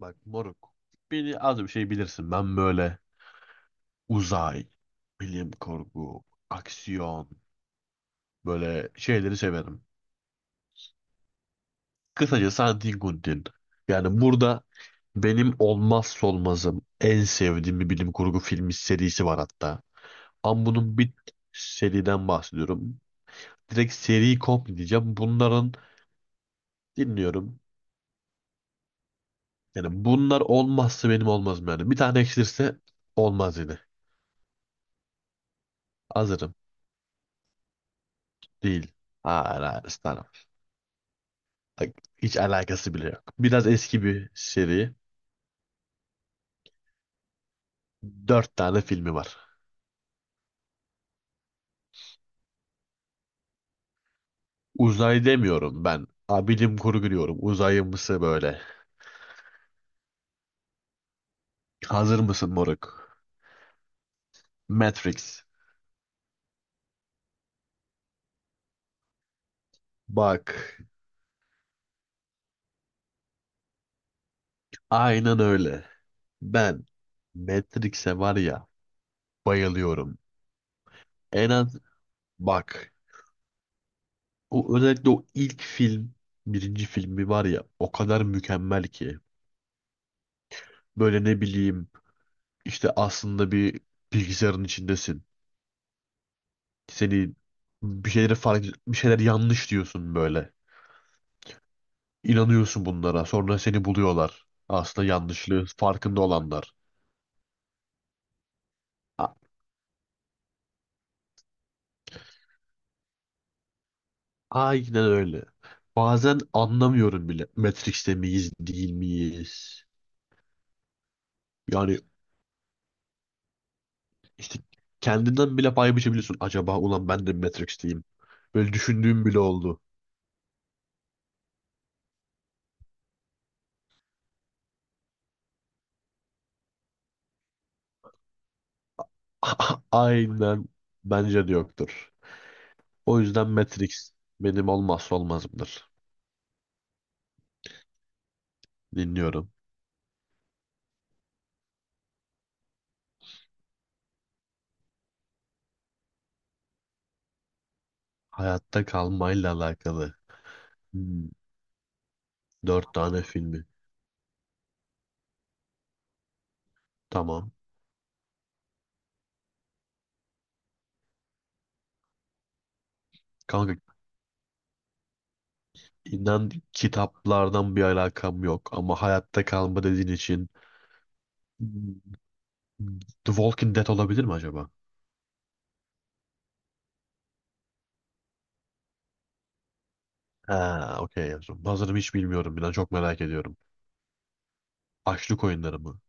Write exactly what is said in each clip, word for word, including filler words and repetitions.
Bak moruk. Beni az bir şey bilirsin. Ben böyle uzay, bilim kurgu, aksiyon böyle şeyleri severim. Kısacası Antin Kuntin. Yani burada benim olmazsa olmazım en sevdiğim bir bilim kurgu filmi serisi var hatta. Ama bunun bir seriden bahsediyorum. Direkt seri komple diyeceğim. Bunların dinliyorum. Yani bunlar olmazsa benim olmazım yani. Bir tane eksilirse olmaz yine. Hazırım. Değil. Hayır, hayır. Bak, hiç alakası bile yok. Biraz eski bir seri. Dört tane filmi var. Uzay demiyorum ben. Ha, bilim kurgu diyorum. Uzayımsı böyle. Hazır mısın moruk? Matrix. Bak. Aynen öyle. Ben Matrix'e var ya bayılıyorum. En az bak. O, özellikle o ilk film birinci filmi var ya o kadar mükemmel ki. Böyle ne bileyim işte aslında bir bilgisayarın içindesin. Seni bir şeyleri fark bir şeyler yanlış diyorsun böyle. İnanıyorsun bunlara. Sonra seni buluyorlar. Aslında yanlışlığı farkında olanlar. A- Aynen öyle. Bazen anlamıyorum bile. Matrix'te miyiz, değil miyiz? Yani işte kendinden bile pay biçebiliyorsun. Acaba ulan ben de mi Matrix'teyim. Böyle düşündüğüm bile oldu. Aynen bence de yoktur. O yüzden Matrix benim olmazsa olmazımdır. Dinliyorum. Hayatta kalmayla alakalı. Hmm, Dört tane filmi. Tamam. Kanka inan kitaplardan bir alakam yok ama hayatta kalma dediğin için hmm, The Walking Dead olabilir mi acaba? Ha, okey. Yazdım. Hazırım, hiç bilmiyorum. İnan çok merak ediyorum. Açlık Oyunları mı?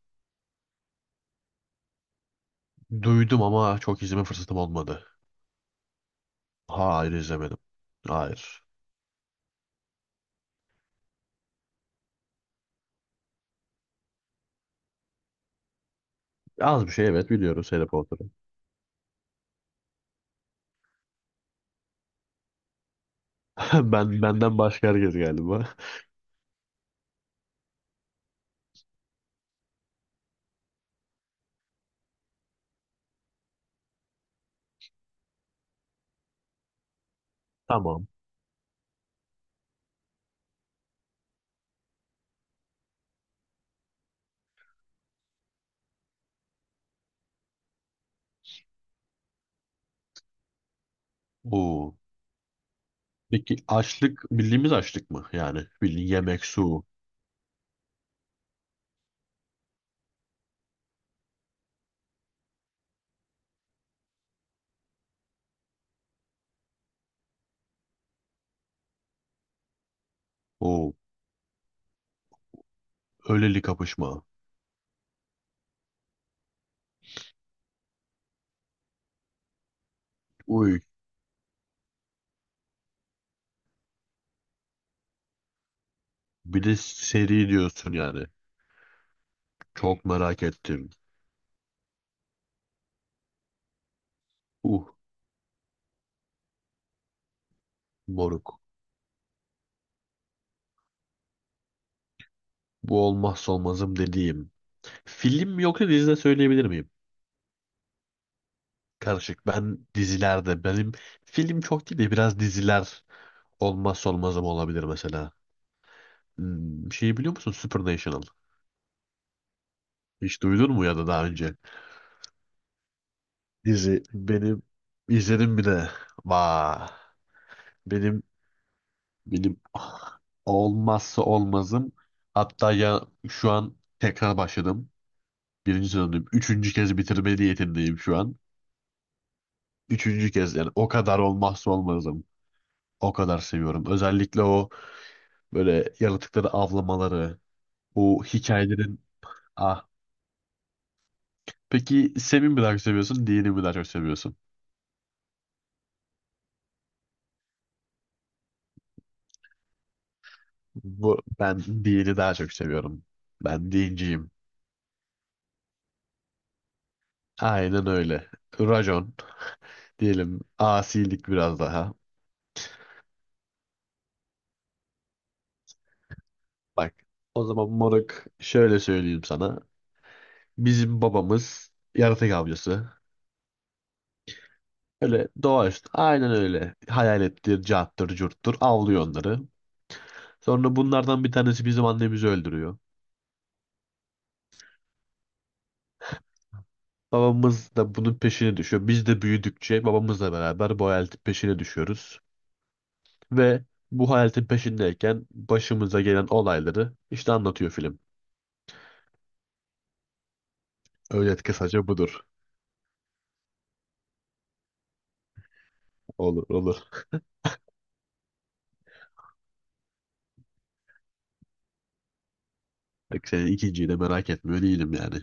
Duydum ama çok izleme fırsatım olmadı. Hayır, izlemedim. Hayır. Az bir şey evet biliyoruz Harry Potter'ı. Ben benden başka herkes galiba. Tamam. Oo. Peki açlık bildiğimiz açlık mı? Yani bildiğin yemek, su. Oo. Öyleli kapışma. Uy. Bir de seri diyorsun yani. Çok merak ettim. Uh moruk. Bu olmazsa olmazım dediğim. Film mi yoksa dizide söyleyebilir miyim? Karışık. Ben dizilerde benim film çok değil de biraz diziler olmazsa olmazım olabilir mesela. Hmm, şeyi biliyor musun? Supernatural. Hiç duydun mu ya da daha önce? Dizi benim izledim bir de. Vay. Benim Benim ah, olmazsa olmazım. Hatta ya şu an tekrar başladım. Birinci sezondayım. Üçüncü kez bitirme niyetindeyim şu an. Üçüncü kez yani, o kadar olmazsa olmazım. O kadar seviyorum. Özellikle o böyle yaratıkları avlamaları, o hikayelerin... Ah, peki Sem'i mi daha çok seviyorsun, Dean'i mi daha çok seviyorsun? Bu, ben Dean'i daha çok seviyorum. Ben Dean'ciyim. Aynen öyle. Rajon diyelim, asilik biraz daha. Bak o zaman moruk, şöyle söyleyeyim sana. Bizim babamız yaratık avcısı. Öyle doğaüstü, aynen öyle. Hayalettir, cahattır, curttur avlıyor onları. Sonra bunlardan bir tanesi bizim annemizi öldürüyor. Babamız da bunun peşine düşüyor. Biz de büyüdükçe babamızla beraber bu hayaletin peşine düşüyoruz. Ve bu hayaletin peşindeyken başımıza gelen olayları işte anlatıyor film. Özet kısaca budur. Olur olur. Bak senin ikinciyi de merak etmiyor değilim yani.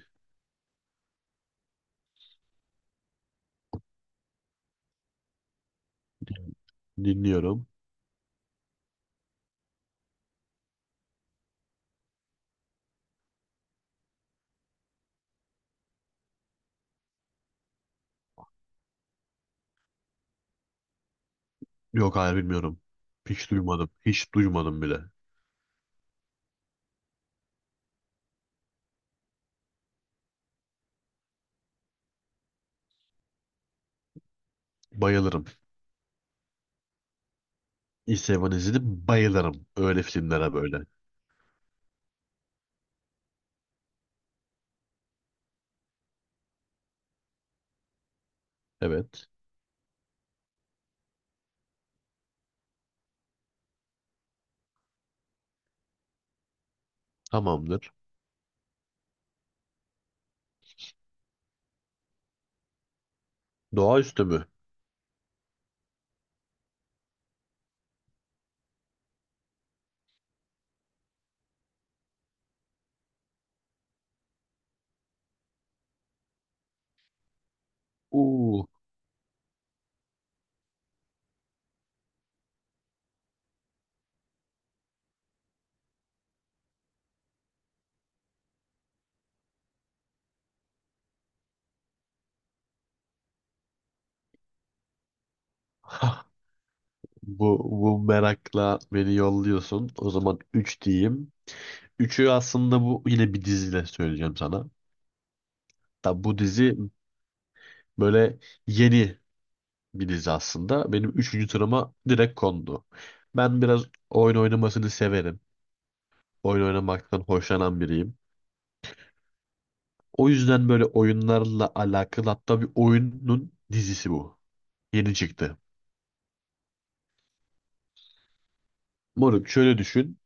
Dinliyorum. Yok, hayır, bilmiyorum. Hiç duymadım. Hiç duymadım bile. Bayılırım. East Seven izledim, bayılırım öyle filmlere böyle. Evet. Tamamdır. Doğaüstü mü? Uuu. Hah. Bu, bu merakla beni yolluyorsun. O zaman üç diyeyim. Üçü aslında bu, yine bir diziyle söyleyeceğim sana. Da bu dizi böyle yeni bir dizi aslında. Benim üçüncü sırama direkt kondu. Ben biraz oyun oynamasını severim. Oyun oynamaktan hoşlanan biriyim. O yüzden böyle oyunlarla alakalı, hatta bir oyunun dizisi bu. Yeni çıktı. Moruk şöyle düşün.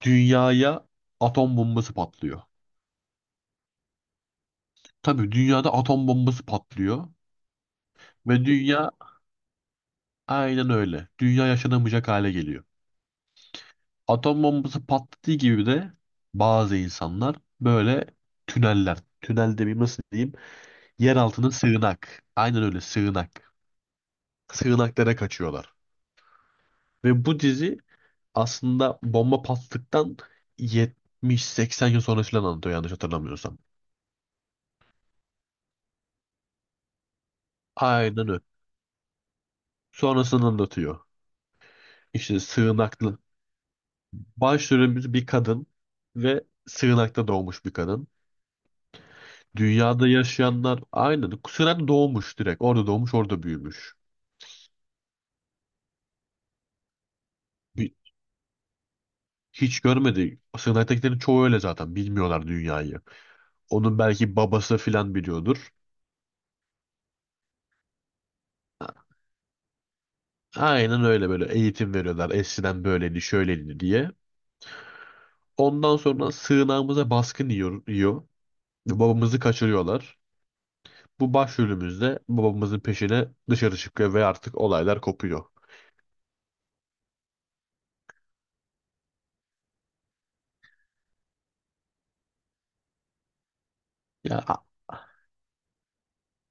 Dünyaya atom bombası patlıyor. Tabii dünyada atom bombası patlıyor. Ve dünya aynen öyle. Dünya yaşanamayacak hale geliyor. Atom bombası patladığı gibi de bazı insanlar böyle tüneller. Tünel demeyeyim, nasıl diyeyim. Yer altının sığınak. Aynen öyle, sığınak. Sığınaklara kaçıyorlar. Ve bu dizi aslında bomba patladıktan yetmiş seksen yıl sonra falan anlatıyor yanlış hatırlamıyorsam. Aynen öyle. Sonrasını anlatıyor. İşte sığınaklı. Başrolümüz bir kadın ve sığınakta doğmuş bir kadın. Dünyada yaşayanlar aynen. Sığınakta doğmuş direkt. Orada doğmuş, orada büyümüş. Bi- Hiç görmedi. Sığınaktakilerin çoğu öyle zaten. Bilmiyorlar dünyayı. Onun belki babası filan biliyordur. A- Aynen öyle, böyle eğitim veriyorlar. Eskiden böyleydi, şöyleydi diye. Ondan sonra sığınağımıza baskın yiyor, yiyor. Babamızı kaçırıyorlar. Bu başrolümüzde babamızın peşine dışarı çıkıyor ve artık olaylar kopuyor. Ya,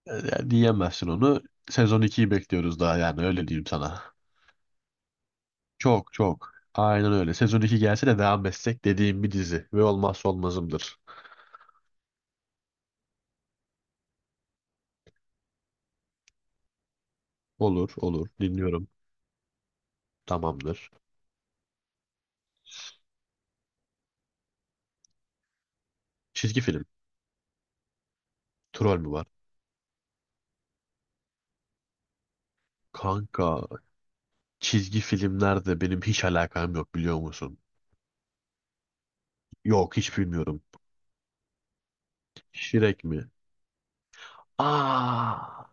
ya diyemezsin onu. Sezon ikiyi bekliyoruz daha, yani öyle diyeyim sana. Çok çok. Aynen öyle. Sezon iki gelse de devam etsek dediğim bir dizi ve olmazsa olmazımdır. Olur olur, dinliyorum. Tamamdır. Çizgi film. Troll mü var? Kanka, çizgi filmlerde benim hiç alakam yok biliyor musun? Yok, hiç bilmiyorum. Şirek mi? Aa,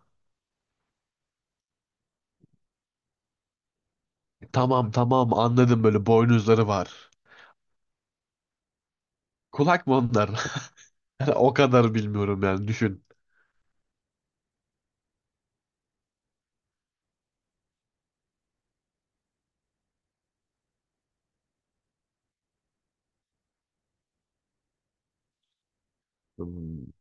tamam tamam, anladım, böyle boynuzları var. Kulak mı onlar? Yani o kadar bilmiyorum yani, düşün. Hmm,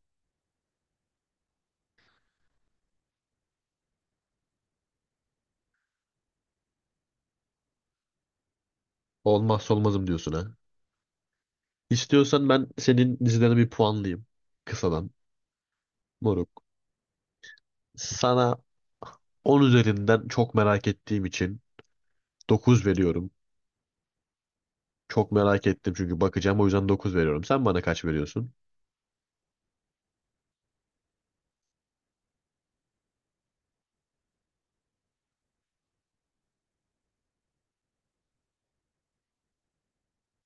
Olmazsa olmazım diyorsun ha. İstiyorsan ben senin dizilerine bir puanlayayım. Kısadan. Moruk. Sana on üzerinden, çok merak ettiğim için, dokuz veriyorum. Çok merak ettim çünkü bakacağım, o yüzden dokuz veriyorum. Sen bana kaç veriyorsun?